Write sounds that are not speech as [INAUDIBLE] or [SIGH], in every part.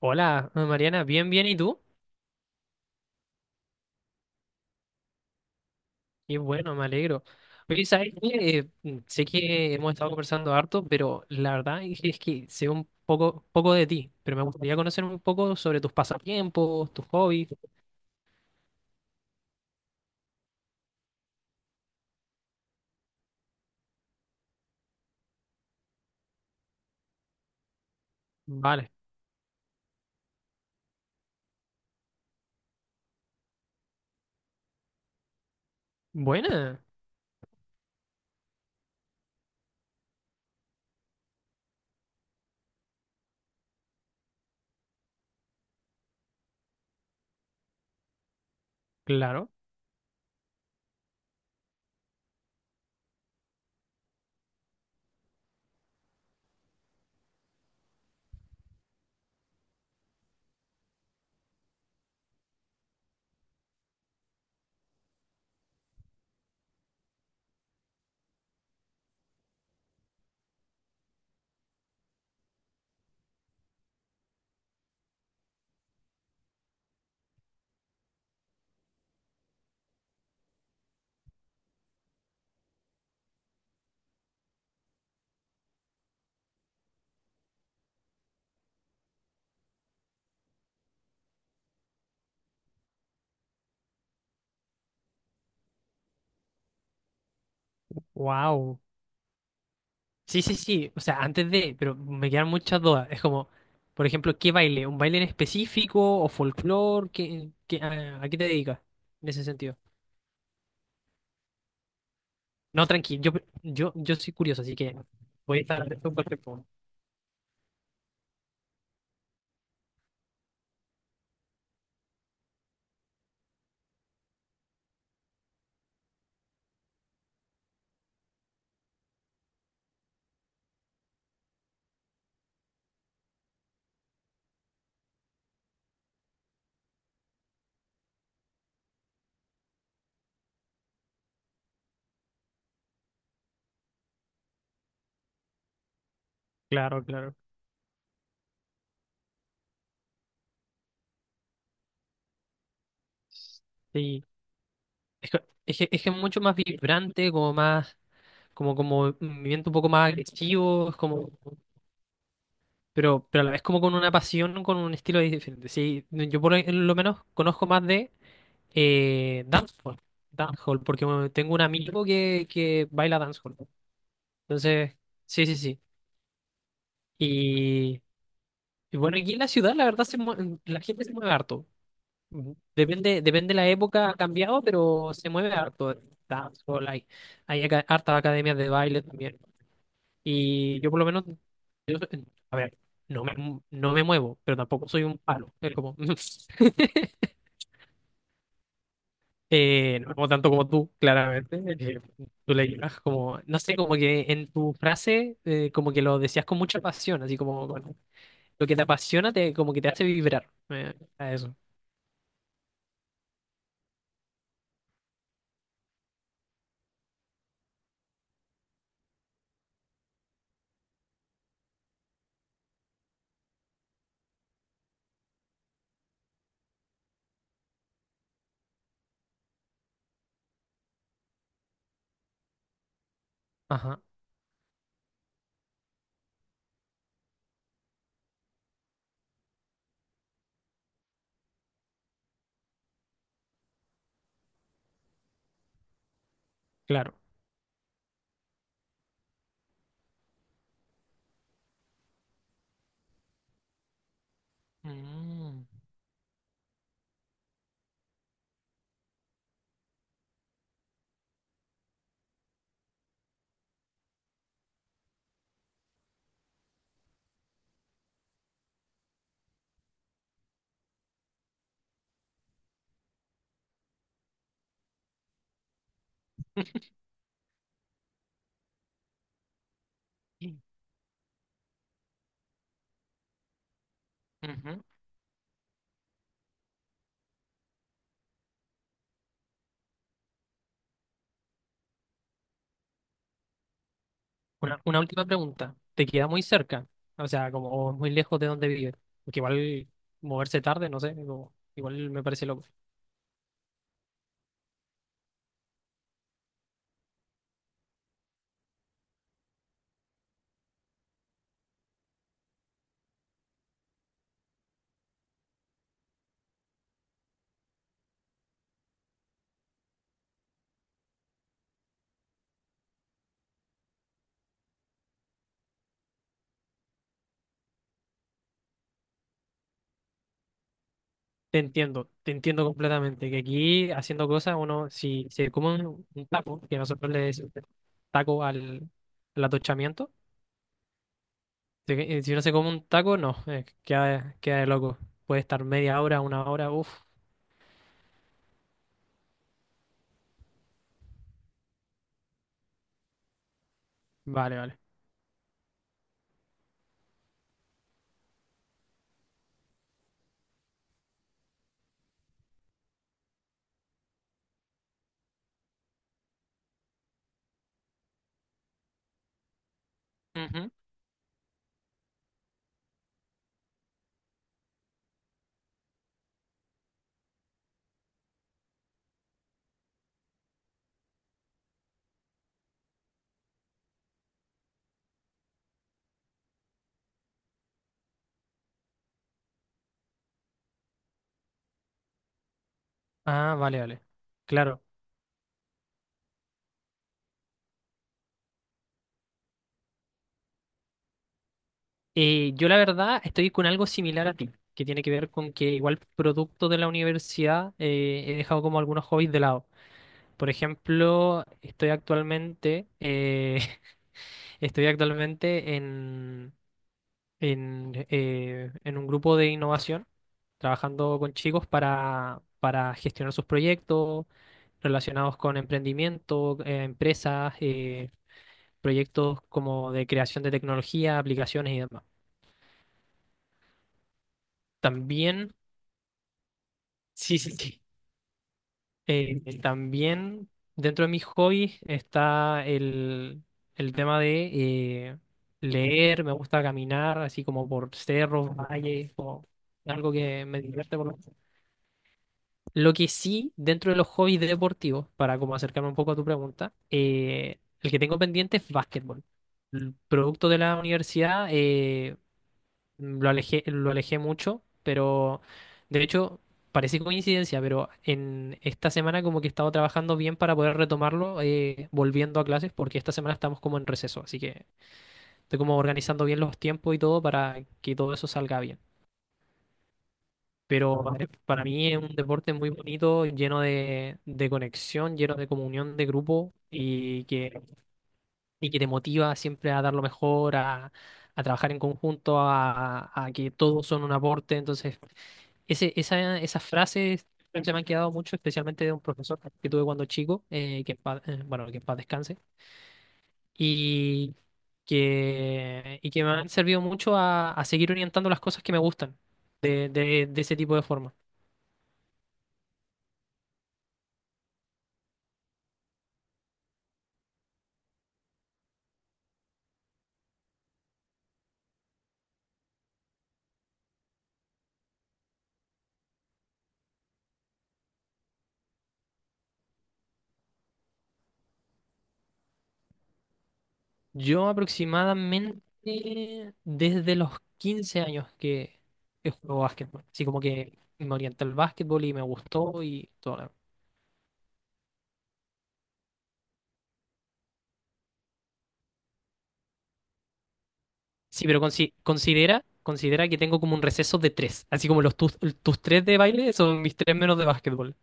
Hola, Mariana, bien, bien, ¿y tú? Y bueno, me alegro. Oye, ¿sabes qué? Sé que hemos estado conversando harto, pero la verdad es que sé un poco de ti, pero me gustaría conocer un poco sobre tus pasatiempos, tus hobbies. Vale. Buena, claro. Wow. Sí, sí, sí. O sea, antes de, pero me quedan muchas dudas. Es como, por ejemplo, ¿qué baile? ¿Un baile en específico o folclore? ¿Qué, qué- a qué te dedicas en ese sentido? No, tranqui, yo soy curioso, así que voy a estar atento a cualquier pregunta. [LAUGHS] Claro, claro. Sí, es que, es que es mucho más vibrante, como más, como, como movimiento un poco más agresivo, es como, pero a la vez como con una pasión, con un estilo diferente. Sí, no, yo por lo menos conozco más de dancehall, dancehall, porque bueno, tengo un amigo que baila dancehall. Entonces, sí, sí, sí. Y, y bueno, aquí en la ciudad la verdad se mue- la gente se mueve harto. Ujú. Depende, depende la época, ha cambiado, pero se mueve harto el dancehall. Hay aca- hartas academias de baile también. Y yo por lo menos, yo so- a ver, no me, no me muevo, pero tampoco soy un palo. Es como, [LAUGHS] no me muevo tanto como tú, claramente. Tú le llegas como, no sé, como que en tu frase, como que lo decías con mucha pasión, así como con- lo que te apasiona, te, como que te hace vibrar. A eso. Ajá, claro. Mm. Ujú. Una última pregunta. ¿Te queda muy cerca? O sea, como o muy lejos de donde vives. Porque igual moverse tarde, no sé, como- igual me parece loco. Te entiendo completamente. Que aquí haciendo cosas, uno, si se come un taco, que nosotros le decimos taco al, al atochamiento, si, si uno se come un taco, no, queda, queda de loco. Puede estar media hora, una hora, uff, vale, vale. Ujú. Ah, vale, vale. Claro. Yo la verdad estoy con algo similar a ti, que tiene que ver con que igual producto de la universidad he dejado como algunos hobbies de lado. Por ejemplo, estoy actualmente, [LAUGHS] estoy actualmente en un grupo de innovación, trabajando con chicos para gestionar sus proyectos relacionados con emprendimiento, empresas, proyectos como de creación de tecnología, aplicaciones y demás. También, [LAUGHS] sí, sí, sí. También dentro de mis hobbies está el tema de leer, me gusta caminar así como por cerros, valles, o algo que me divierte por lo menos. Lo que sí, dentro de los hobbies deportivos, para como acercarme un poco a tu pregunta, el que tengo pendiente es básquetbol. El producto de la universidad, lo alejé mucho, pero de hecho parece coincidencia, pero en esta semana como que he estado trabajando bien para poder retomarlo, volviendo a clases, porque esta semana estamos como en receso, así que estoy como organizando bien los tiempos y todo para que todo eso salga bien. Pero ujú. Para mí es un deporte muy bonito, lleno de conexión, lleno de comunión de grupo y que te motiva siempre a dar lo mejor, a trabajar en conjunto, a que todos son un aporte, entonces... Ese, esa, esas frases se me han quedado mucho, especialmente de un profesor que tuve cuando chico, bueno, que en paz descanse, y y que me han servido mucho a seguir orientando las cosas que me gustan de ese tipo de forma. Yo aproximadamente desde los 15 años que juego básquetbol, así como que me orienté al básquetbol y me gustó y todo. Sí, pero consi- considera, considera que tengo como un receso de tres. Así como los tus, tus tres de baile son mis tres menos de básquetbol.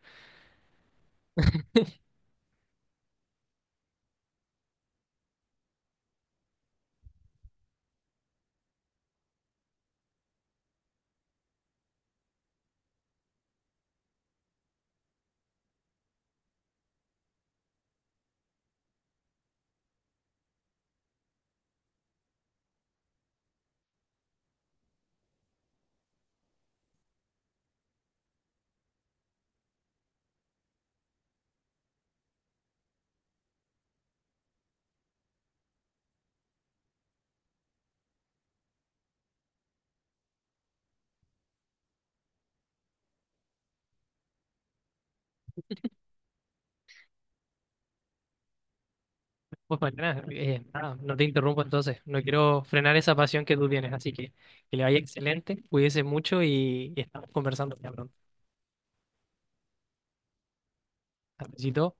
Pues mañana, nada, no te interrumpo entonces. No quiero frenar esa pasión que tú tienes. Así que le vaya excelente, cuídese mucho y estamos conversando ya pronto. Hasta luego.